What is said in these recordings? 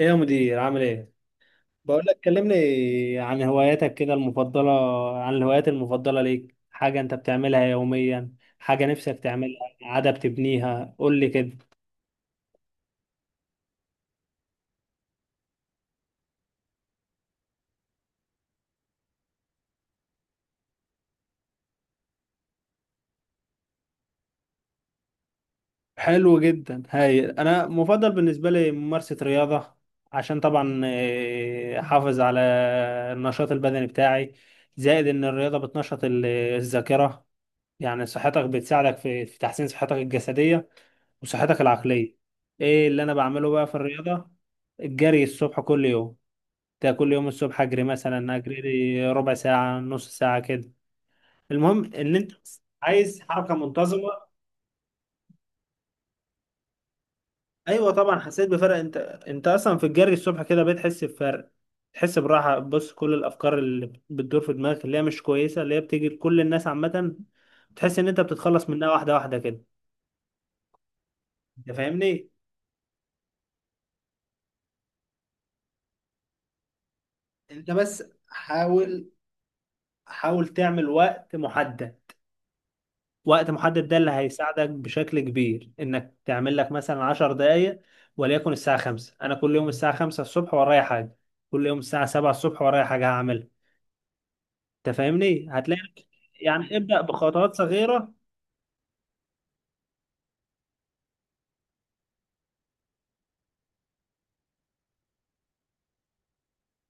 ايه يا مدير عامل ايه؟ بقول لك كلمني عن هواياتك كده المفضله، عن الهوايات المفضله ليك. حاجه انت بتعملها يوميا، حاجه نفسك تعملها عاده بتبنيها، قول لي كده. حلو جدا. هاي انا مفضل بالنسبه لي ممارسه رياضه، عشان طبعا احافظ على النشاط البدني بتاعي، زائد ان الرياضه بتنشط الذاكره. يعني صحتك بتساعدك في تحسين صحتك الجسديه وصحتك العقلية. ايه اللي انا بعمله بقى في الرياضة؟ الجري الصبح كل يوم. ده كل يوم الصبح اجري، مثلا اجري لي ربع ساعة نص ساعة كده. المهم ان انت عايز حركة منتظمة. ايوه طبعا حسيت بفرق. انت انت اصلا في الجري الصبح كده بتحس بفرق، تحس براحة. بص، كل الافكار اللي بتدور في دماغك اللي هي مش كويسة، اللي هي بتيجي لكل الناس عامة، تحس ان انت بتتخلص منها واحدة واحدة كده. انت فاهمني؟ انت بس حاول، تعمل وقت محدد. وقت محدد ده اللي هيساعدك بشكل كبير، انك تعمل لك مثلا 10 دقائق، وليكن الساعة 5. انا كل يوم الساعة 5 الصبح ورايا حاجة، كل يوم الساعة 7 الصبح ورايا حاجة هعملها. انت فاهمني؟ هتلاقي، يعني ابدأ بخطوات صغيرة.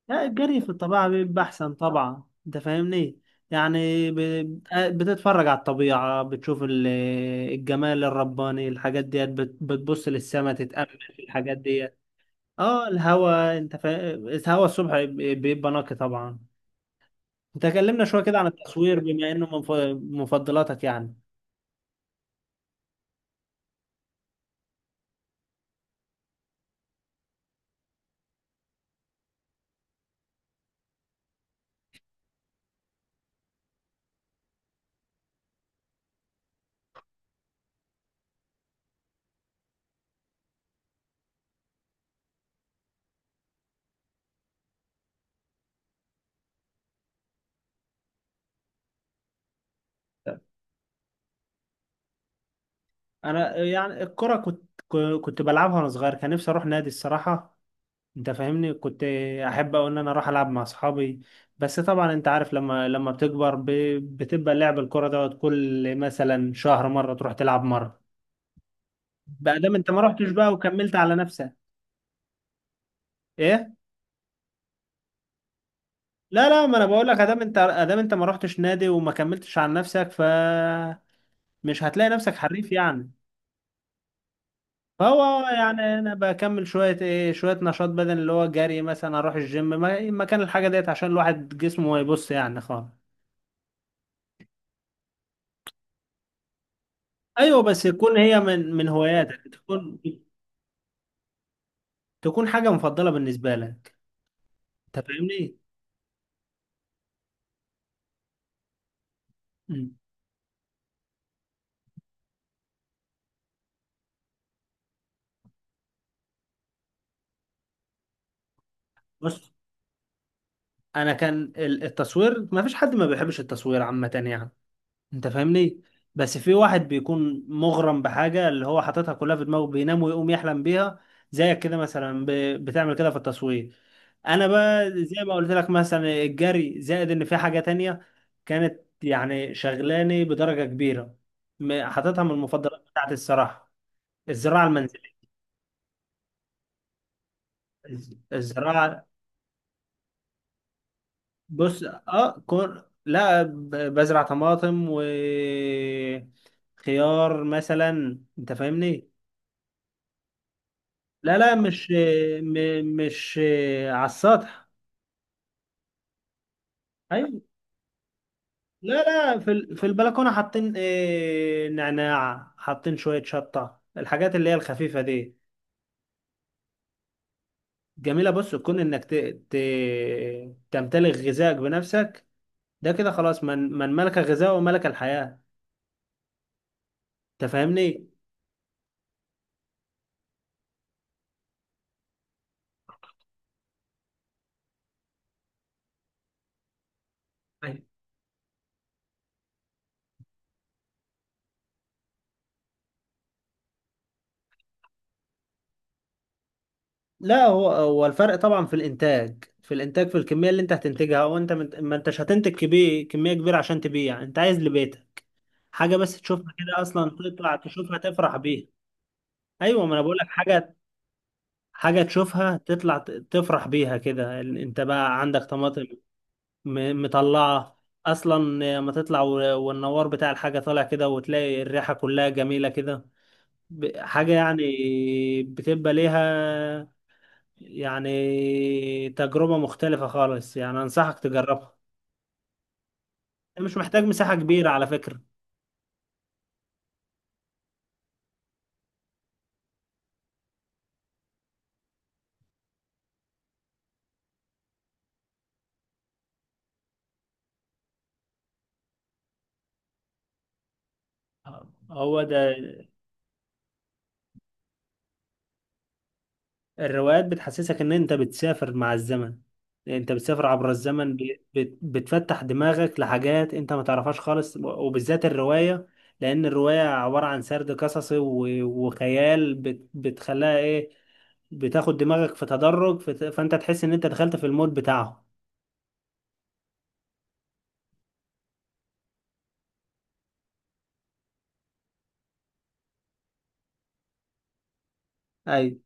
لا، الجري في الطبيعة بيبقى احسن طبعا. انت فاهمني؟ يعني ب... آه، بتتفرج على الطبيعة، بتشوف الجمال الرباني. الحاجات ديت بتبص للسما، تتأمل في الحاجات ديت. اه، الهوا الهوا الصبح بيبقى نقي طبعا. انت كلمنا شويه كده عن التصوير بما انه من مفضلاتك يعني. انا يعني الكره كنت، كنت بلعبها وانا صغير، كان نفسي اروح نادي الصراحه. انت فاهمني؟ كنت احب أوي ان انا اروح العب مع اصحابي. بس طبعا انت عارف، لما بتكبر بتبقى لعب الكره دوت كل مثلا شهر مره، تروح تلعب مره، بقى دام انت ما رحتش بقى وكملت على نفسك. ايه؟ لا لا، ما انا بقول لك، ادام انت ما رحتش نادي وما كملتش على نفسك، ف مش هتلاقي نفسك حريف يعني. هو يعني انا بكمل شويه ايه، شويه نشاط بدني، اللي هو جري، مثلا اروح الجيم مكان الحاجه ديت، عشان الواحد جسمه ما يبص يعني خالص. ايوه، بس تكون هي من هواياتك، تكون حاجه مفضله بالنسبه لك. انت فاهمني؟ مم. بص، انا كان التصوير ما فيش حد ما بيحبش التصوير عامه يعني. انت فاهمني؟ بس في واحد بيكون مغرم بحاجة اللي هو حاططها كلها في دماغه، بينام ويقوم يحلم بيها. زيك كده مثلا بتعمل كده في التصوير. انا بقى زي ما قلت لك، مثلا الجري، زائد ان في حاجة تانية كانت يعني شغلاني بدرجة كبيرة، حاططها من المفضلات بتاعتي الصراحة. الزراعة المنزلية. الزراعة، بص، اه كون، لا بزرع طماطم وخيار مثلا. انت فاهمني؟ لا لا، مش م- مش على السطح. ايوه، لا لا، في في البلكونه حاطين نعناع، حاطين شويه شطه، الحاجات اللي هي الخفيفه دي. جميله، بص تكون انك ت... تمتلك غذائك بنفسك. ده كده خلاص، من ملك الغذاء وملك الحياه. انت فاهمني؟ أيوة. لا، هو الفرق طبعا في الانتاج، في الكميه اللي انت هتنتجها. وانت ما انتش هتنتج كبير، كميه كبيره عشان تبيع، انت عايز لبيتك حاجة بس تشوفها كده، أصلا تطلع تشوفها تفرح بيها. أيوة، ما أنا بقول لك، حاجة حاجة تشوفها تطلع تفرح بيها كده. أنت بقى عندك طماطم مطلعة أصلا، لما تطلع، و- والنوار بتاع الحاجة طالع كده، وتلاقي الريحة كلها جميلة كده، حاجة يعني بتبقى ليها يعني تجربة مختلفة خالص. يعني أنصحك تجربها. مش محتاج مساحة كبيرة على فكرة. هو ده، الروايات بتحسسك ان انت بتسافر مع الزمن، انت بتسافر عبر الزمن، بتفتح دماغك لحاجات انت ما تعرفهاش خالص، وبالذات الرواية، لان الرواية عبارة عن سرد قصصي و- وخيال، بتخليها ايه، بتاخد دماغك في تدرج، فانت تحس ان انت دخلت في المود بتاعه. ايوه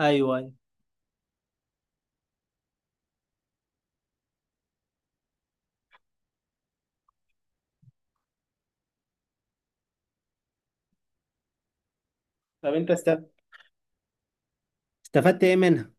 ايوه. ايوه، طب انت استفدت ايه منها؟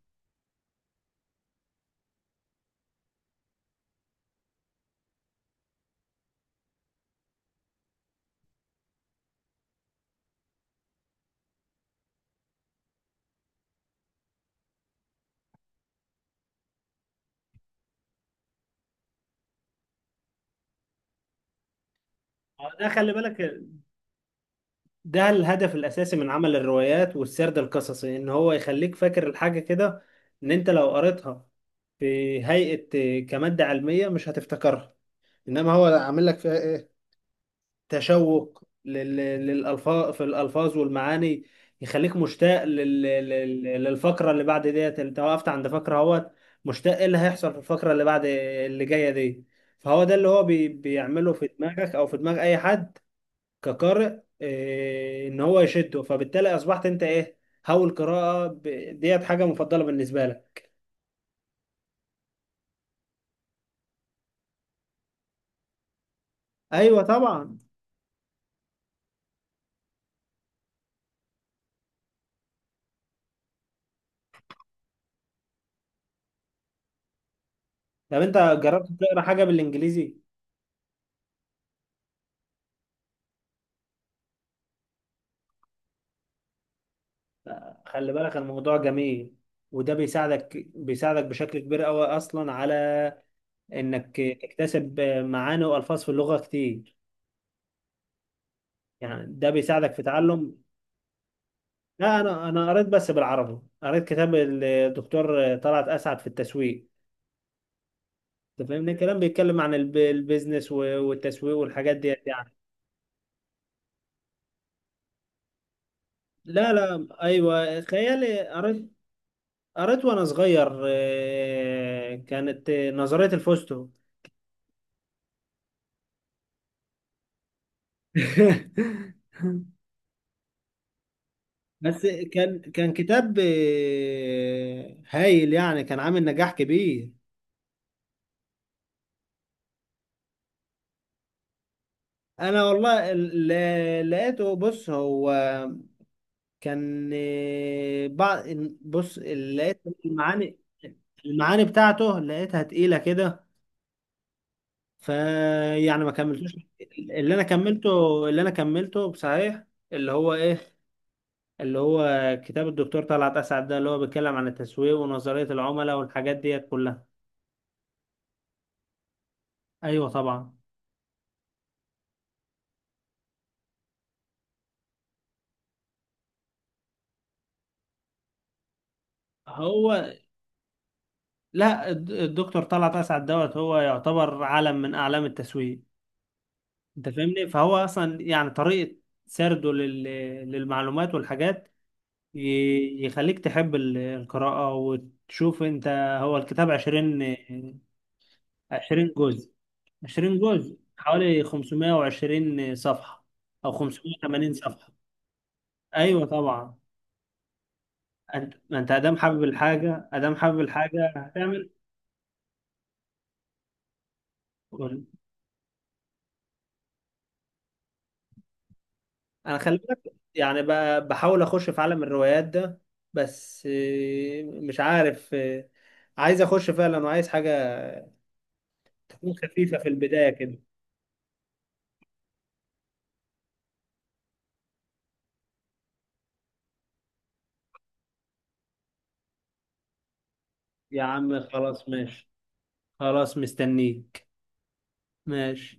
ما هو ده، خلي بالك، ده الهدف الأساسي من عمل الروايات والسرد القصصي، إن هو يخليك فاكر الحاجة كده. إن أنت لو قريتها في هيئة كمادة علمية، مش هتفتكرها. إنما هو عامل لك فيها إيه، تشوق للألفاظ، في الألفاظ والمعاني، يخليك مشتاق للفقرة اللي بعد ديت. أنت وقفت عند فقرة اهوت، مشتاق إيه اللي هيحصل في الفقرة اللي بعد، اللي جاية دي. فهو ده اللي هو بيعمله في دماغك، أو في دماغ أي حد كقارئ، ان هو يشده، فبالتالي اصبحت انت ايه، هو القراءه ديت حاجه مفضله بالنسبه لك. ايوه طبعا. طب انت جربت تقرا حاجه بالانجليزي؟ خلي بالك الموضوع جميل، وده بيساعدك بشكل كبير قوي اصلا على انك تكتسب معاني والفاظ في اللغه كتير. يعني ده بيساعدك في تعلم. لا، انا قريت بس بالعربي، قريت كتاب الدكتور طلعت اسعد في التسويق. انت فاهمني؟ كلام بيتكلم عن البيزنس و- والتسويق والحاجات ديت يعني. لا لا، ايوه خيالي قريت، قريت وانا صغير كانت نظرية الفوستو. بس كان، كتاب هايل يعني، كان عامل نجاح كبير. انا والله، لقيته. بص، هو كان بعض، بص لقيت المعاني، المعاني بتاعته لقيتها تقيلة كده، فيعني ما كملتوش. اللي انا كملته، بصحيح، اللي هو ايه، اللي هو كتاب الدكتور طلعت اسعد ده، اللي هو بيتكلم عن التسويق ونظرية العملاء والحاجات ديت كلها. ايوه طبعا. هو، لا الدكتور طلعت اسعد دوت هو يعتبر علم من اعلام التسويق. انت فاهمني؟ فهو اصلا يعني طريقة سرده للمعلومات والحاجات يخليك تحب القراءة وتشوف انت. هو الكتاب 20، جزء، 20 جزء حوالي 520 صفحة، أو 580 صفحة. أيوة طبعا. أنت، ما أنت أدام حابب الحاجة، هتعمل. قول. أنا خلي بالك، يعني بحاول أخش في عالم الروايات ده، بس مش عارف، عايز أخش فعلا، وعايز حاجة تكون خفيفة في البداية كده. يا عم خلاص ماشي. خلاص مستنيك. ماشي.